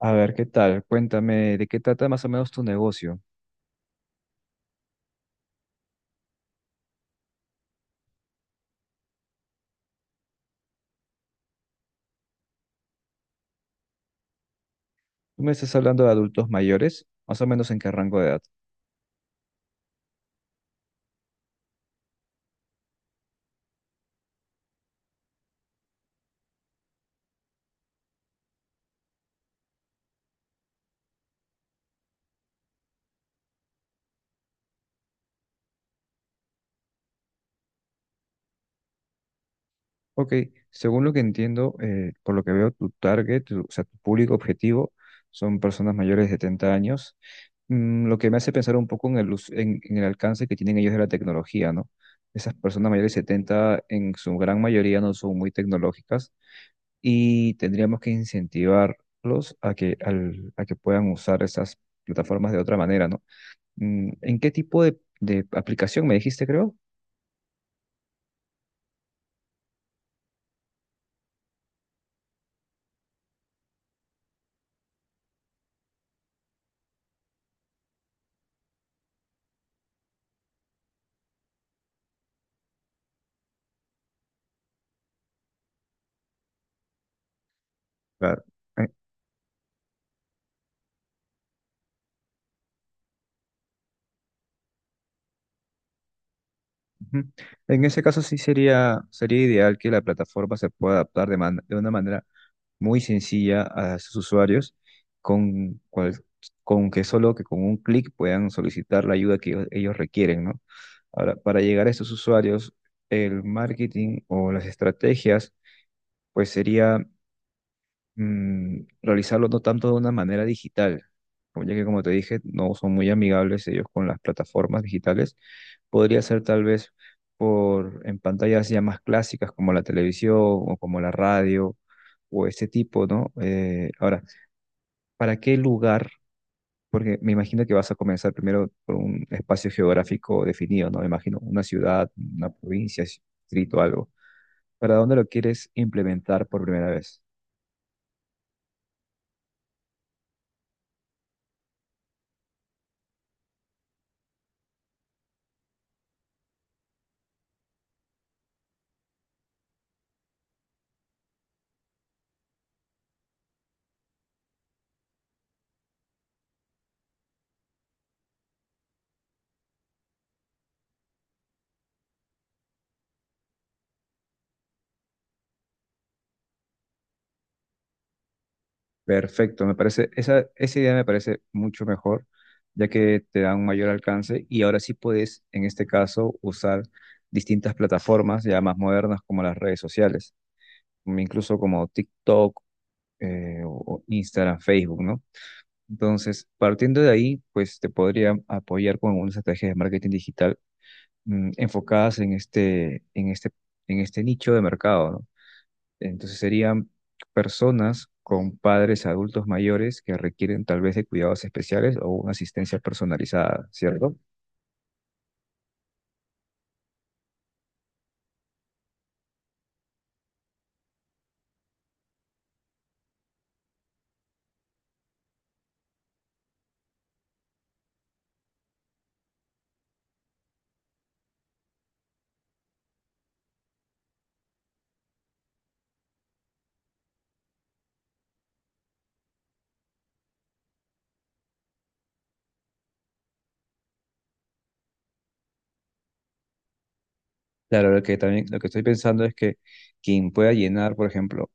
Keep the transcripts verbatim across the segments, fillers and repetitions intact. A ver, ¿qué tal? Cuéntame, ¿de qué trata más o menos tu negocio? Tú me estás hablando de adultos mayores, más o menos en qué rango de edad. Ok, según lo que entiendo, eh, por lo que veo, tu target, tu- o sea, tu público objetivo son personas mayores de setenta años. Mm, lo que me hace pensar un poco en el, us- en, en el alcance que tienen ellos de la tecnología, ¿no? Esas personas mayores de setenta en su gran mayoría no son muy tecnológicas y tendríamos que incentivarlos a que, al- a que puedan usar esas plataformas de otra manera, ¿no? Mm, ¿En qué tipo de, de aplicación me dijiste, creo? Claro. Eh, ujú. En ese caso sí sería, sería ideal que la plataforma se pueda adaptar de, man- de una manera muy sencilla a sus usuarios, con, cual- con que solo que con un clic puedan solicitar la ayuda que ellos requieren, ¿no? Ahora, para llegar a estos usuarios, el marketing o las estrategias, pues sería, mm, realizarlo no tanto de una manera digital, como- ya que como te dije, no son muy amigables ellos con las plataformas digitales. Podría ser tal vez por en pantallas ya más clásicas como la televisión o como la radio o ese tipo, ¿no? Eh, ahora, ¿para qué lugar? Porque me imagino que vas a comenzar primero por un espacio geográfico definido, ¿no? Me imagino una ciudad, una provincia, distrito, algo. ¿Para dónde lo quieres implementar por primera vez? Perfecto, me parece, esa, esa idea me parece mucho mejor, ya que te da un mayor alcance y ahora sí puedes, en este caso, usar distintas plataformas ya más modernas como las redes sociales, mm, incluso como TikTok, eh, o o Instagram, Facebook, ¿no? Entonces, partiendo de ahí, pues te podría apoyar con algunas estrategias de marketing digital, mm, enfocadas en este, en este, en este nicho de mercado, ¿no? Entonces serían personas con padres adultos mayores que requieren tal vez de cuidados especiales o una asistencia personalizada, ¿cierto? Claro, lo que también lo que estoy pensando es que quien pueda llenar, por ejemplo,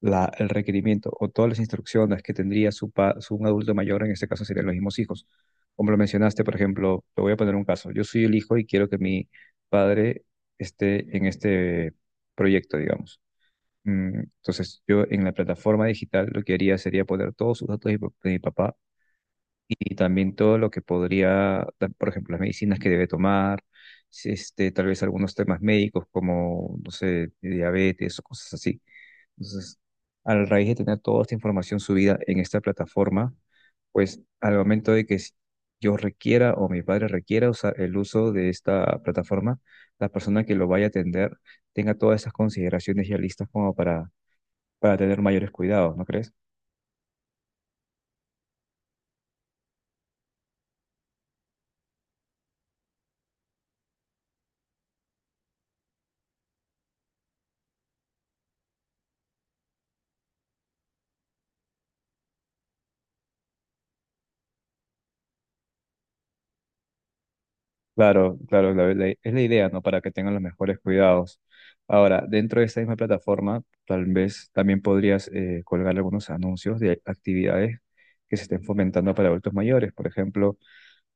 la, el requerimiento o todas las instrucciones que tendría su, pa- su un adulto mayor, en este caso serían los mismos hijos. Como lo mencionaste, por ejemplo, te voy a poner un caso. Yo soy el hijo y quiero que mi padre esté en este proyecto, digamos. Mm, Entonces, yo en la plataforma digital lo que haría sería poner todos sus datos de mi de mi papá y también todo lo que podría, ta- por ejemplo, las medicinas que debe tomar, si, este, tal vez algunos temas médicos como, no sé, diabetes o cosas así. Entonces, a la raíz de tener toda esta información subida en esta plataforma, pues al momento de que s- yo requiera o mi padre requiera usar el uso de esta plataforma, la persona que lo vaya a atender tenga todas esas consideraciones ya listas como para para tener mayores cuidados, ¿no crees? Claro, claro, la- la- es la idea, ¿no? Para que tengan los mejores cuidados. Ahora, dentro de esta misma plataforma, tal vez también podrías eh, colgar algunos anuncios de actividades que se estén fomentando para adultos mayores. Por ejemplo,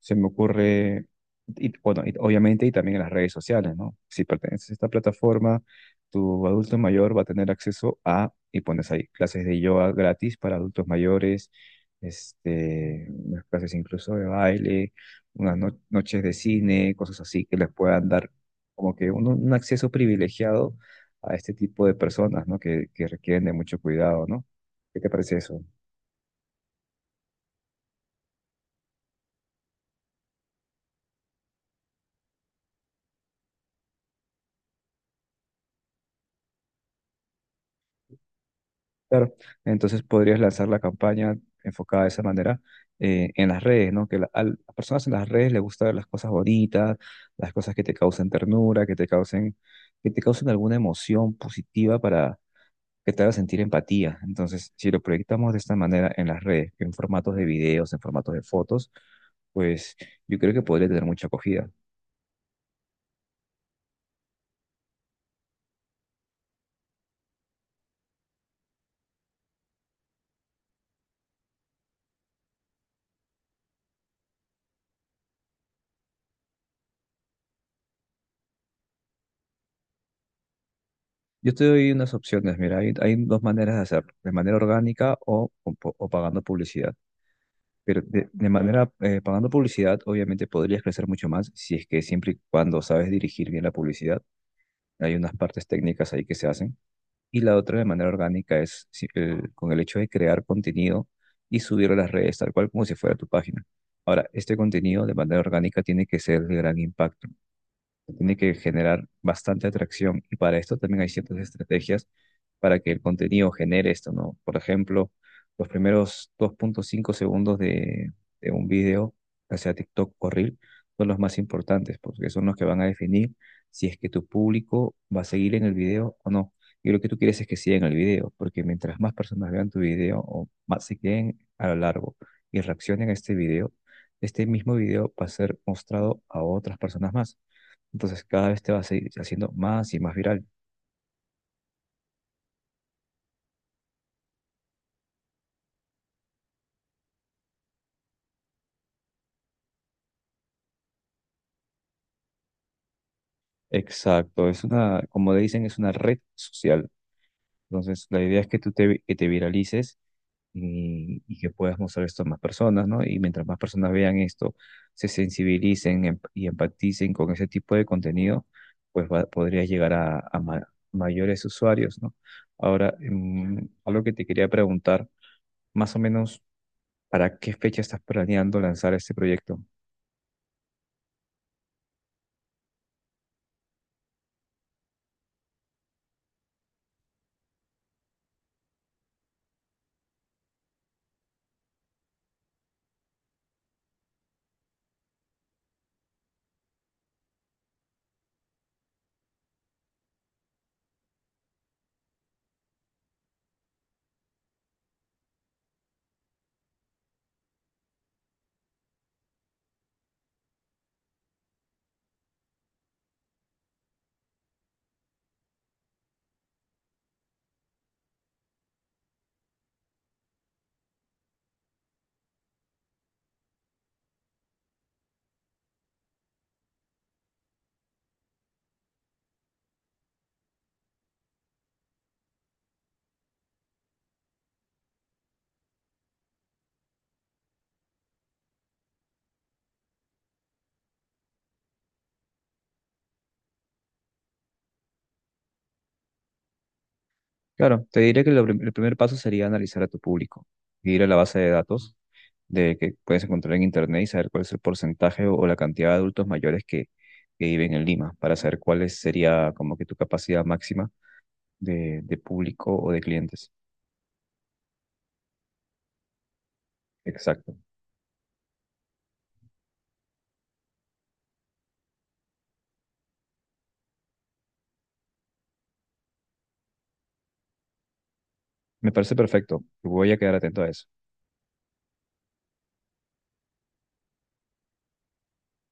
se me ocurre, y, bueno, y obviamente, y también en las redes sociales, ¿no? Si perteneces a esta plataforma, tu adulto mayor va a tener acceso a, y pones ahí, clases de yoga gratis para adultos mayores, este, unas clases incluso de baile, unas no- noches de cine, cosas así que les puedan dar como que un, un acceso privilegiado a este tipo de personas, ¿no? Que, que requieren de mucho cuidado, ¿no? ¿Qué te parece eso? Claro, entonces podrías lanzar la campaña enfocada de esa manera eh, en las redes, ¿no? Que la- a las personas en las redes les gusta ver las cosas bonitas, las cosas que te causen ternura, que te causen, que te causen alguna emoción positiva para que te haga sentir empatía. Entonces, si lo proyectamos de esta manera en las redes, en formatos de videos, en formatos de fotos, pues yo creo que podría tener mucha acogida. Yo te doy unas opciones, mira, hay, hay dos maneras de hacerlo, de manera orgánica o o- o pagando publicidad. Pero de, de manera, eh, pagando publicidad, obviamente podrías crecer mucho más si es que siempre y cuando sabes dirigir bien la publicidad. Hay unas partes técnicas ahí que se hacen. Y la otra de manera orgánica es si- el- con el hecho de crear contenido y subirlo a las redes, tal cual como si fuera tu página. Ahora, este contenido de manera orgánica tiene que ser de gran impacto, se tiene que generar bastante atracción y para esto también hay ciertas estrategias para que el contenido genere esto, ¿no? Por ejemplo, los primeros dos punto cinco segundos de, de un video, ya sea TikTok o Reel, son los más importantes porque son los que van a definir si es que tu público va a seguir en el video o no. Y lo que tú quieres es que sigan el video, porque mientras más personas vean tu video o más se queden a lo largo y reaccionen a este video, este mismo video va a ser mostrado a otras personas más. Entonces cada vez te vas a ir haciendo más y más viral. Exacto, es una, como le dicen, es una red social. Entonces la idea es que tú te, vi- que te viralices y, y que puedas mostrar esto a más personas, ¿no? Y mientras más personas vean esto, se sensibilicen em- y empaticen con ese tipo de contenido, pues va- podrías llegar a, a ma- mayores usuarios, ¿no? Ahora, em, algo que te quería preguntar, más o menos, ¿para qué fecha estás planeando lanzar este proyecto? Claro, te diré que lo prim- el primer paso sería analizar a tu público, ir a la base de datos de que puedes encontrar en internet y saber cuál es el porcentaje o, o la cantidad de adultos mayores que, que viven en Lima, para saber cuál es- sería como que tu capacidad máxima de, de público o de clientes. Exacto. Me parece perfecto. Voy a quedar atento a eso.